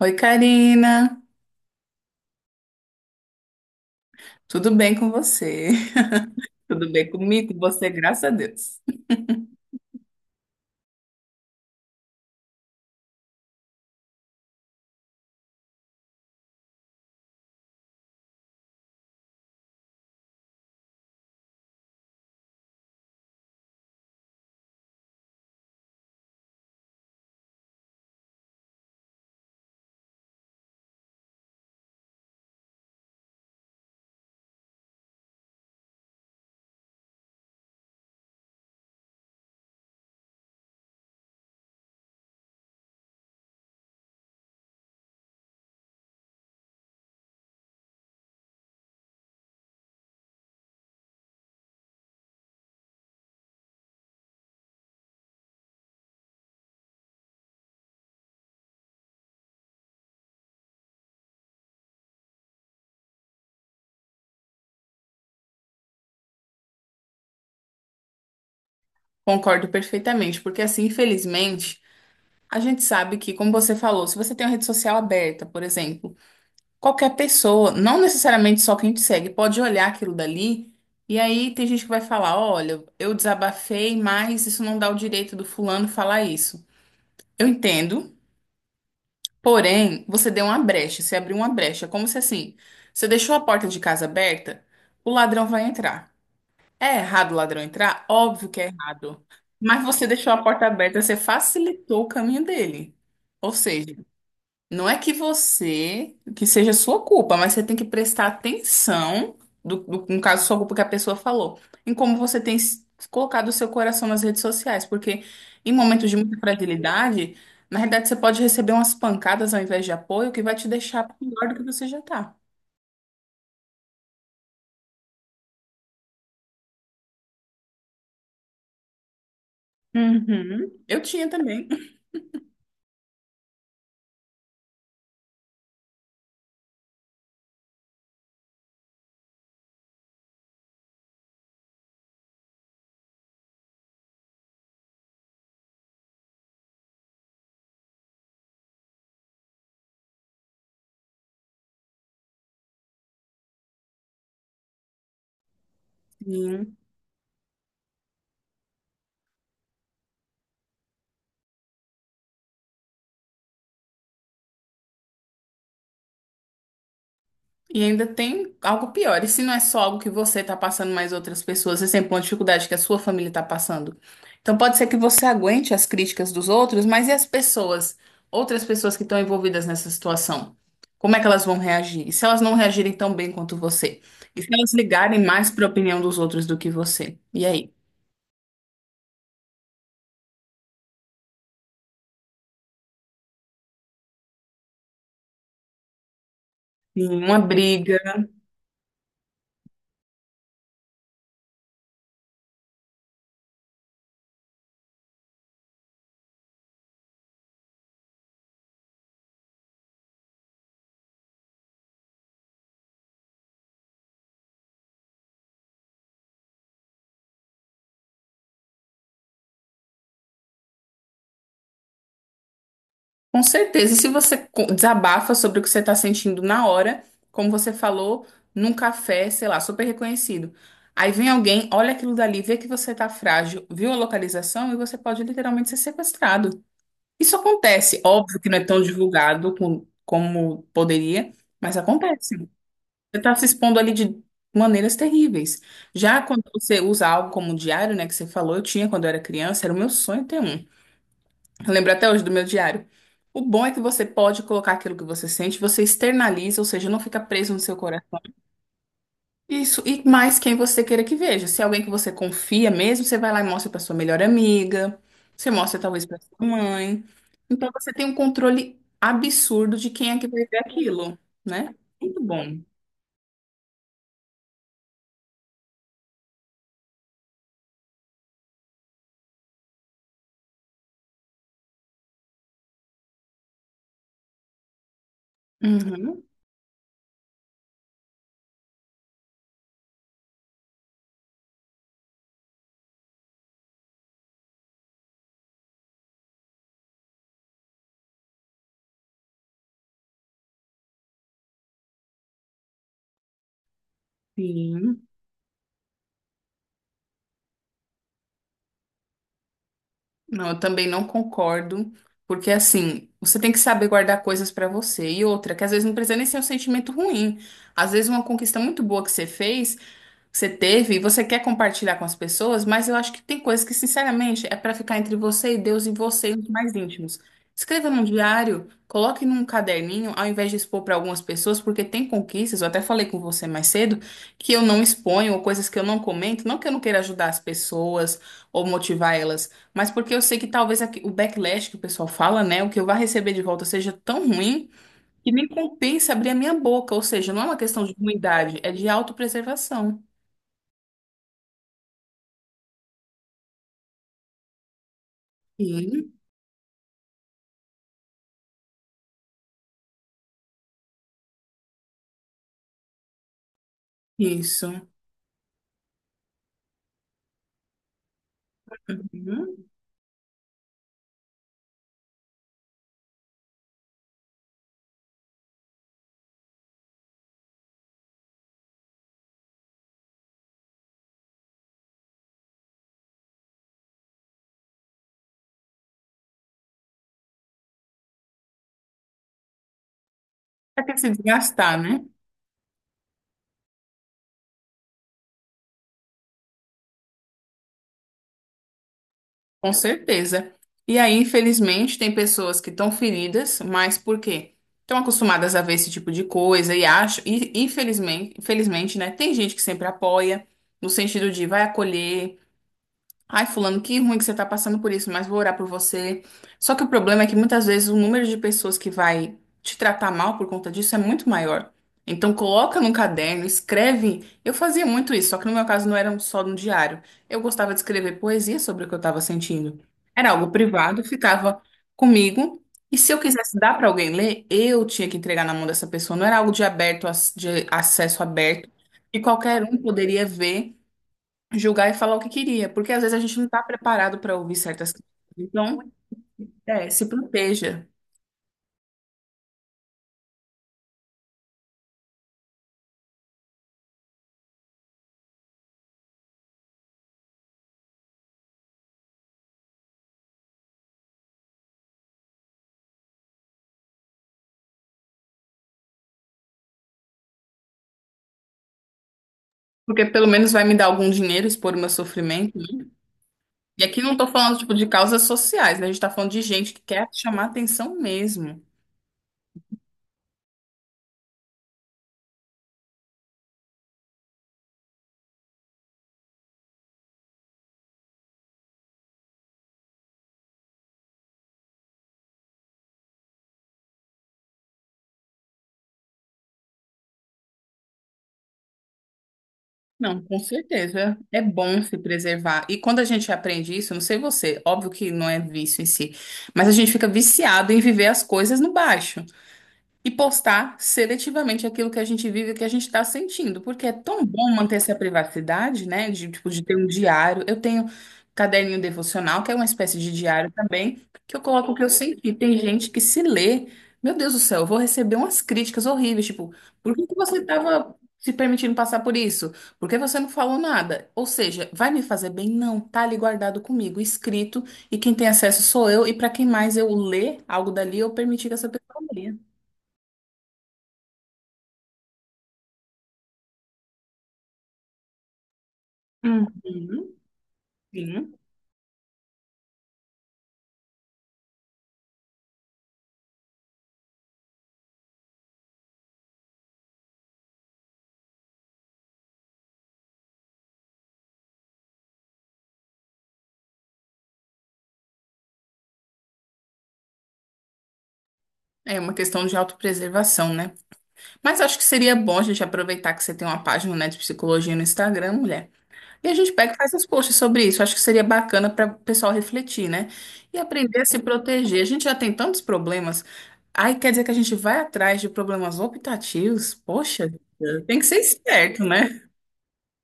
Oi, Karina. Tudo bem com você? Tudo bem comigo, com você, graças a Deus. Concordo perfeitamente, porque assim, infelizmente, a gente sabe que, como você falou, se você tem uma rede social aberta, por exemplo, qualquer pessoa, não necessariamente só quem te segue, pode olhar aquilo dali e aí tem gente que vai falar: olha, eu desabafei, mas isso não dá o direito do fulano falar isso. Eu entendo, porém, você deu uma brecha, você abriu uma brecha. Como se assim, você deixou a porta de casa aberta, o ladrão vai entrar. É errado o ladrão entrar? Óbvio que é errado. Mas você deixou a porta aberta, você facilitou o caminho dele. Ou seja, não é que você, que seja sua culpa, mas você tem que prestar atenção, no caso, sua culpa que a pessoa falou, em como você tem colocado o seu coração nas redes sociais, porque em momentos de muita fragilidade, na realidade você pode receber umas pancadas ao invés de apoio, que vai te deixar pior do que você já tá. Uhum. Eu tinha também. E ainda tem algo pior. E se não é só algo que você está passando, mas outras pessoas, você sempre tem uma dificuldade que a sua família está passando. Então pode ser que você aguente as críticas dos outros, mas e as pessoas, outras pessoas que estão envolvidas nessa situação? Como é que elas vão reagir? E se elas não reagirem tão bem quanto você? E se elas ligarem mais para a opinião dos outros do que você? E aí? Sim, uma briga. Com certeza. E se você desabafa sobre o que você está sentindo na hora, como você falou, num café, sei lá, super reconhecido. Aí vem alguém, olha aquilo dali, vê que você está frágil, viu a localização e você pode literalmente ser sequestrado. Isso acontece. Óbvio que não é tão divulgado como poderia, mas acontece. Você está se expondo ali de maneiras terríveis. Já quando você usa algo como diário, né, que você falou, eu tinha quando eu era criança, era o meu sonho ter um. Eu lembro até hoje do meu diário. O bom é que você pode colocar aquilo que você sente, você externaliza, ou seja, não fica preso no seu coração. Isso, e mais quem você queira que veja. Se é alguém que você confia mesmo, você vai lá e mostra para sua melhor amiga, você mostra talvez para sua mãe. Então você tem um controle absurdo de quem é que vai ver aquilo, né? Muito bom. Uhum, sim. Não, eu também não concordo, porque assim, você tem que saber guardar coisas pra você. E outra, que às vezes não precisa nem ser um sentimento ruim. Às vezes uma conquista muito boa que você fez, que você teve e você quer compartilhar com as pessoas, mas eu acho que tem coisas que, sinceramente, é para ficar entre você e Deus e você e os mais íntimos. Escreva num diário, coloque num caderninho, ao invés de expor para algumas pessoas, porque tem conquistas, eu até falei com você mais cedo, que eu não exponho, ou coisas que eu não comento, não que eu não queira ajudar as pessoas ou motivar elas, mas porque eu sei que talvez o backlash que o pessoal fala, né, o que eu vá receber de volta seja tão ruim que nem compensa abrir a minha boca, ou seja, não é uma questão de ruindade, é de autopreservação. Sim, isso. Uhum. Vai ter que se desgastar, né? Com certeza. E aí, infelizmente, tem pessoas que estão feridas, mas por quê? Estão acostumadas a ver esse tipo de coisa e acho, e infelizmente, infelizmente, né? Tem gente que sempre apoia, no sentido de vai acolher. Ai, fulano, que ruim que você tá passando por isso, mas vou orar por você. Só que o problema é que muitas vezes o número de pessoas que vai te tratar mal por conta disso é muito maior. Então coloca num caderno, escreve. Eu fazia muito isso, só que no meu caso não era só no diário. Eu gostava de escrever poesia sobre o que eu estava sentindo. Era algo privado, ficava comigo. E se eu quisesse dar para alguém ler, eu tinha que entregar na mão dessa pessoa. Não era algo de aberto, de acesso aberto, que qualquer um poderia ver, julgar e falar o que queria, porque às vezes a gente não está preparado para ouvir certas coisas. Então, é, se proteja, porque pelo menos vai me dar algum dinheiro expor o meu sofrimento. Né? E aqui não estou falando tipo de causas sociais, né? A gente está falando de gente que quer chamar atenção mesmo. Não, com certeza é bom se preservar. E quando a gente aprende isso, não sei você, óbvio que não é vício em si, mas a gente fica viciado em viver as coisas no baixo e postar seletivamente aquilo que a gente vive, e que a gente está sentindo, porque é tão bom manter essa privacidade, né? De, tipo, de ter um diário. Eu tenho caderninho devocional, que é uma espécie de diário também, que eu coloco o que eu senti. Tem gente que se lê, meu Deus do céu, eu vou receber umas críticas horríveis, tipo, por que que você estava se permitindo passar por isso? Por que você não falou nada? Ou seja, vai me fazer bem? Não, tá ali guardado comigo, escrito, e quem tem acesso sou eu, e para quem mais eu ler algo dali, eu permiti que essa pessoa leia. Uhum, sim. É uma questão de autopreservação, né? Mas acho que seria bom a gente aproveitar que você tem uma página, né, de psicologia no Instagram, mulher. E a gente pega e faz uns posts sobre isso. Acho que seria bacana para o pessoal refletir, né? E aprender a se proteger. A gente já tem tantos problemas. Aí quer dizer que a gente vai atrás de problemas optativos? Poxa, tem que ser esperto, né?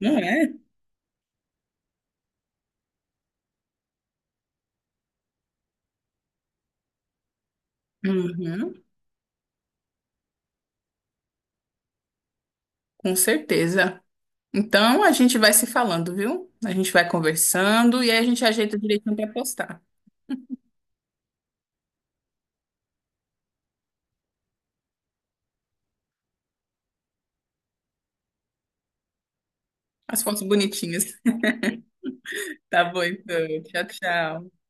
Não é? Uhum, com certeza. Então a gente vai se falando, viu? A gente vai conversando e aí a gente ajeita direitinho para postar. As fotos bonitinhas. Tá bom, então. Tchau, tchau.